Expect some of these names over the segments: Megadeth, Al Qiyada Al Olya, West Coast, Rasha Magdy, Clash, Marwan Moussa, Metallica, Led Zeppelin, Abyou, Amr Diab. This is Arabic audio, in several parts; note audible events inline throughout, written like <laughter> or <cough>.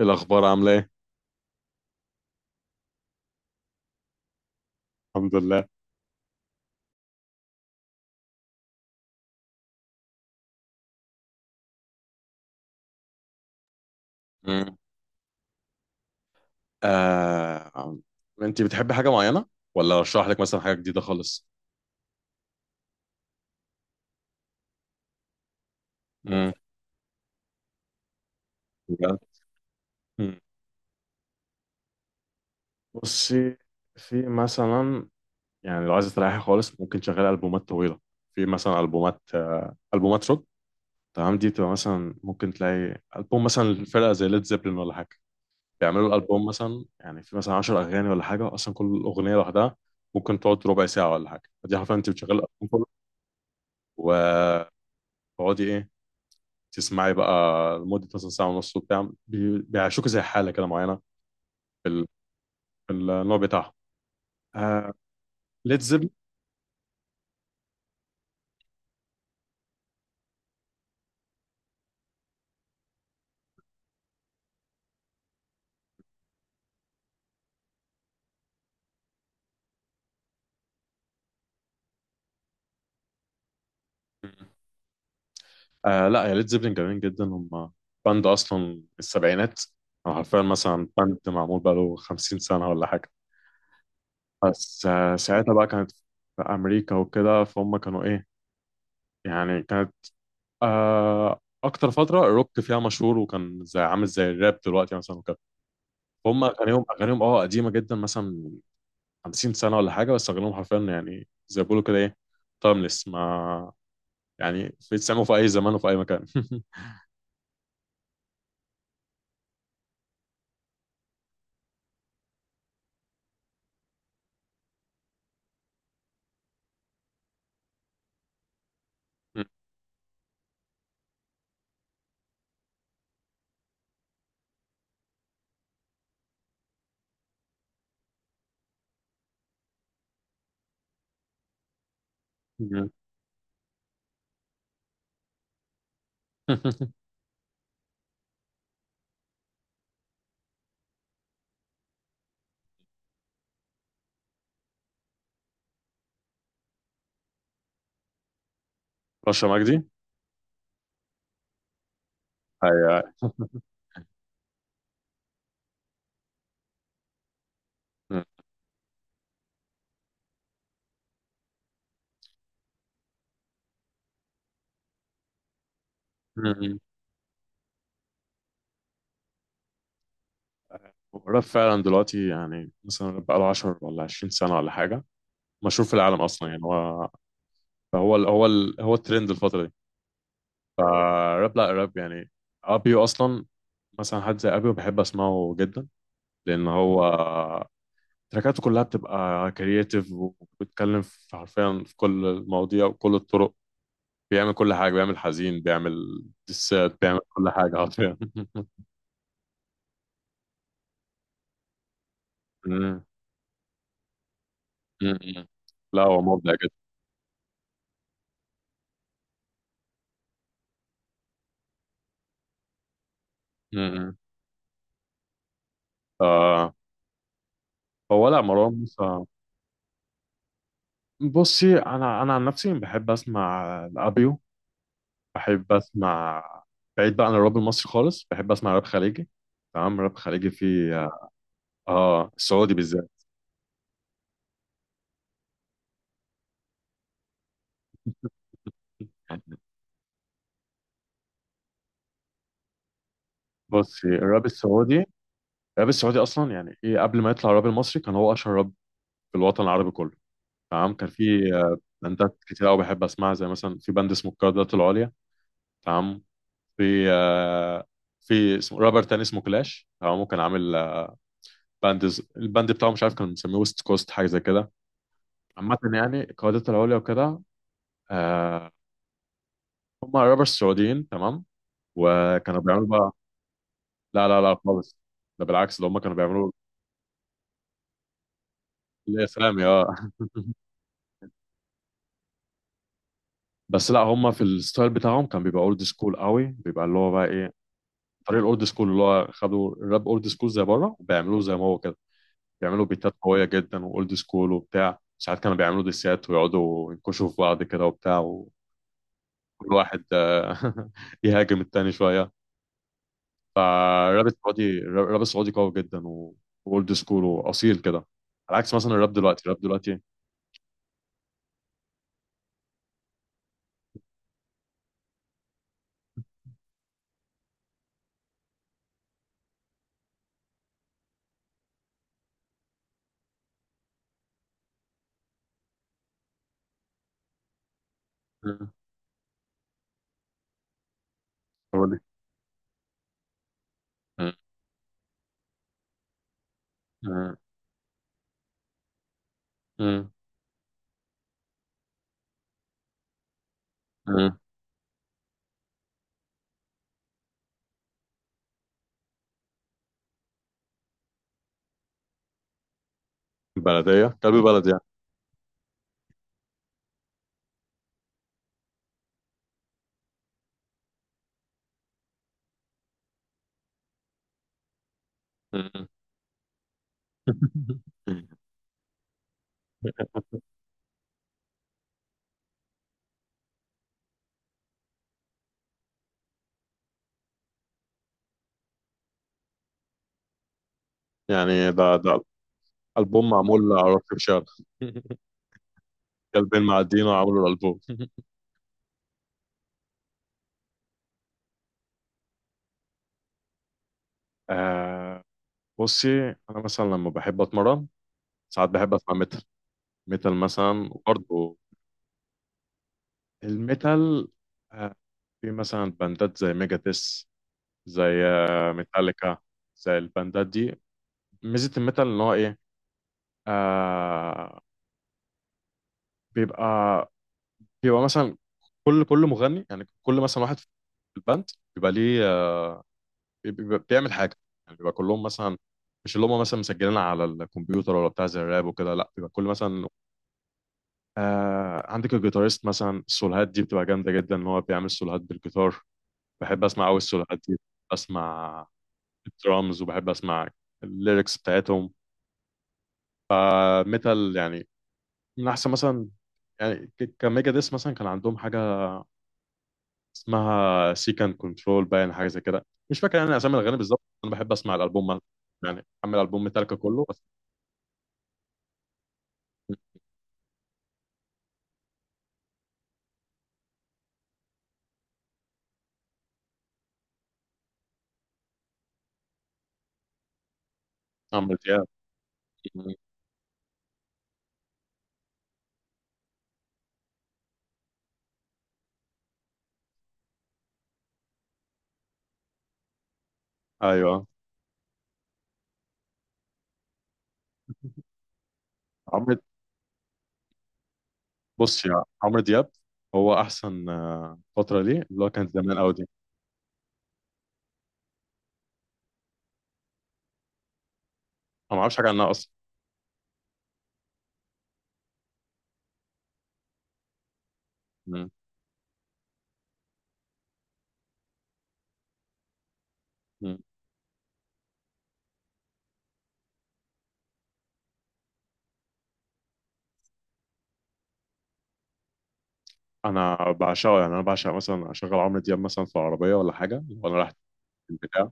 الأخبار عاملة إيه؟ الحمد لله. مم. آه... أنت بتحبي حاجة معينة؟ ولا أشرح لك مثلا حاجة جديدة خالص؟ مم. بجد؟ مم. بصي، في مثلا، يعني لو عايزة تريحي خالص ممكن تشغلي ألبومات طويلة. في مثلا ألبومات روك، تمام. دي بتبقى مثلا ممكن تلاقي ألبوم مثلا الفرقة زي ليد زيبلين ولا حاجة، بيعملوا الألبوم مثلا يعني في مثلا 10 أغاني ولا حاجة، أصلا كل أغنية لوحدها ممكن تقعد ربع ساعة ولا حاجة، فدي حرفيا أنت بتشغلي الألبوم كله، و تقعدي ايه، تسمعي بقى لمدة مثلا ساعة ونص وبتاع. بيعيشوك زي حالة كده معينة في في النوع بتاعهم. آه ليد زيبلين. لا يا ليد زيبلين جميلين جدا هم، باند أصلا من السبعينات، أو حرفيا مثلا باند معمول بقاله 50 سنة ولا حاجة. بس ساعتها بقى كانت في أمريكا وكده، فهم كانوا إيه، يعني كانت أكتر فترة الروك فيها مشهور، وكان زي عامل زي الراب دلوقتي مثلا وكده. هم أغانيهم قديمة جدا، مثلا 50 سنة ولا حاجة، بس أغلبهم حرفيا يعني زي ما بيقولوا كده إيه، تايمليس ما، يعني في تسمعه في أي زمان وفي أي مكان. <laughs> رشا مجدي. هي. م- م- الراب فعلا دلوقتي، يعني مثلا بقى له 10 ولا 20 سنة ولا حاجة، مشهور في العالم أصلا يعني. هو هو ال هو ال هو الترند الفترة دي. فالراب، لا الراب يعني، أبيو أصلا، مثلا حد زي أبيو بحب أسمعه جدا، لأن هو تراكاته كلها بتبقى كرياتيف، وبتتكلم في حرفيا في كل المواضيع وكل الطرق. بيعمل كل حاجة، بيعمل حزين، بيعمل دسات، بيعمل كل حاجة حرفيا. <laughs> مم. مم. لا هو مبدع جدا. مم. آه هو لا مروان موسى. بصي، انا عن نفسي بحب اسمع الابيو، بحب اسمع، بعيد بقى عن الراب المصري خالص، بحب اسمع راب خليجي، تمام. راب خليجي في، اه، السعودي بالذات. بصي الراب السعودي، الراب السعودي اصلا يعني ايه، قبل ما يطلع الراب المصري كان هو اشهر راب في الوطن العربي كله، تمام. كان في باندات كتير قوي بحب اسمعها، زي مثلا في باند اسمه القيادات العليا، تمام. في آه، في اسمه رابر تاني اسمه كلاش، تمام. كان عامل باند الباند بتاعه مش عارف كان مسميه ويست كوست حاجه زي كده. عامه يعني القيادات العليا وكده، آه، هم رابرز سعوديين، تمام. وكانوا بيعملوا بقى، لا لا لا خالص، ده بالعكس، ده هم كانوا بيعملوا الاسلامي، اه. <laughs> بس لا هم في الستايل بتاعهم كان بيبقى اولد سكول قوي، بيبقى اللي هو بقى ايه، طريق الاولد سكول، اللي هو خدوا الراب اولد سكول زي بره وبيعملوه زي ما هو كده. بيعملوا بيتات قويه جدا واولد سكول وبتاع، ساعات كانوا بيعملوا ديسات ويقعدوا ينكشوا في بعض كده وبتاع، وكل واحد <laughs> يهاجم التاني شويه. فالراب السعودي، الراب السعودي قوي جدا واولد سكول واصيل كده، على عكس مثلا الراب دلوقتي، الراب دلوقتي. مم. هو ليه؟ مم. مم. مم. مم. بلديه، كلب بلد يعني. مم. <laughs> يعني ده ألبوم معمول على روك شارع. <laughs> كلبين معديين وعملوا الألبوم. <laughs> آه. بصي، أنا مثلا لما بحب أتمرن ساعات بحب أسمع ميتال. ميتال مثلا برضه، الميتال. آه، في مثلا باندات زي ميجاتس، زي ميتاليكا، زي الباندات دي. ميزة الميتال إن هو إيه، آه بيبقى، بيبقى مثلا كل مغني، يعني كل مثلا واحد في الباند بيبقى ليه، بيبقى بيعمل حاجه، يعني بيبقى كلهم مثلا مش اللي هم مثلا مسجلين على الكمبيوتر ولا بتاع زي الراب وكده، لا بيبقى كل مثلا عندك الجيتاريست مثلا. السولوهات دي بتبقى جامده جدا ان هو بيعمل سولوهات بالجيتار. بحب اسمع قوي السولوهات دي، اسمع الدرامز، وبحب اسمع الليركس بتاعتهم. ميتال يعني من احسن مثلا. يعني كميجا ديس مثلا كان عندهم حاجه اسمها سيكان كنترول باين، حاجه زي كده، مش فاكر يعني اسامي الاغاني بالظبط. انا بحب اسمع الالبوم، يعني اعمل البوم ميتاليكا كله بس. اعمل يعني. ايوه عمرو، بص يا عمرو دياب، هو احسن فتره ليه اللي هو كانت زمان قوي دي. انا ما اعرفش حاجه عنها اصلا. مم. مم. انا بعشقه، يعني انا بعشق مثلا اشغل عمرو دياب مثلا في العربيه ولا حاجه وانا رايح البتاع،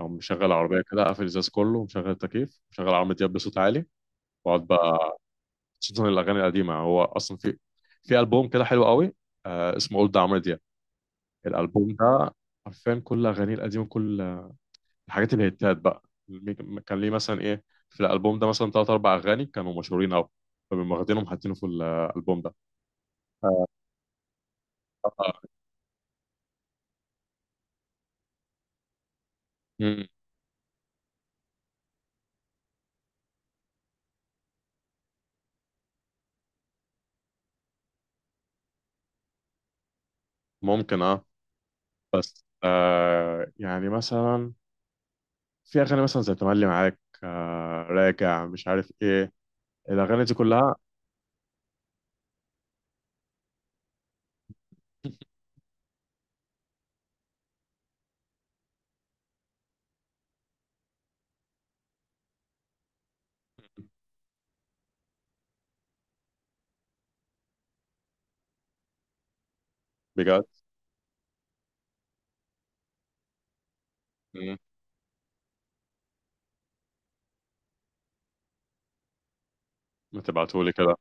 او مشغل العربيه كده، اقفل الازاز كله ومشغل التكييف مشغل عمرو دياب بصوت عالي، واقعد بقى. خصوصا الاغاني القديمه، هو اصلا في البوم كده حلو قوي، اسمه اولد عمرو دياب. الالبوم ده حرفيا كل اغانيه القديمه، كل الحاجات الهيتات بقى. كان ليه مثلا ايه، في الالبوم ده مثلا ثلاث اربع اغاني كانوا مشهورين قوي، فبيقوم واخدينهم حاطينه في الالبوم ده. آه. مم. ممكن اه. بس يعني مثلا في اغاني مثلا زي تملي معاك، راجع، مش عارف ايه، الاغاني دي كلها، بجد. مم. ما تبعتهولي كده.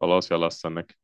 خلاص يلا استناك.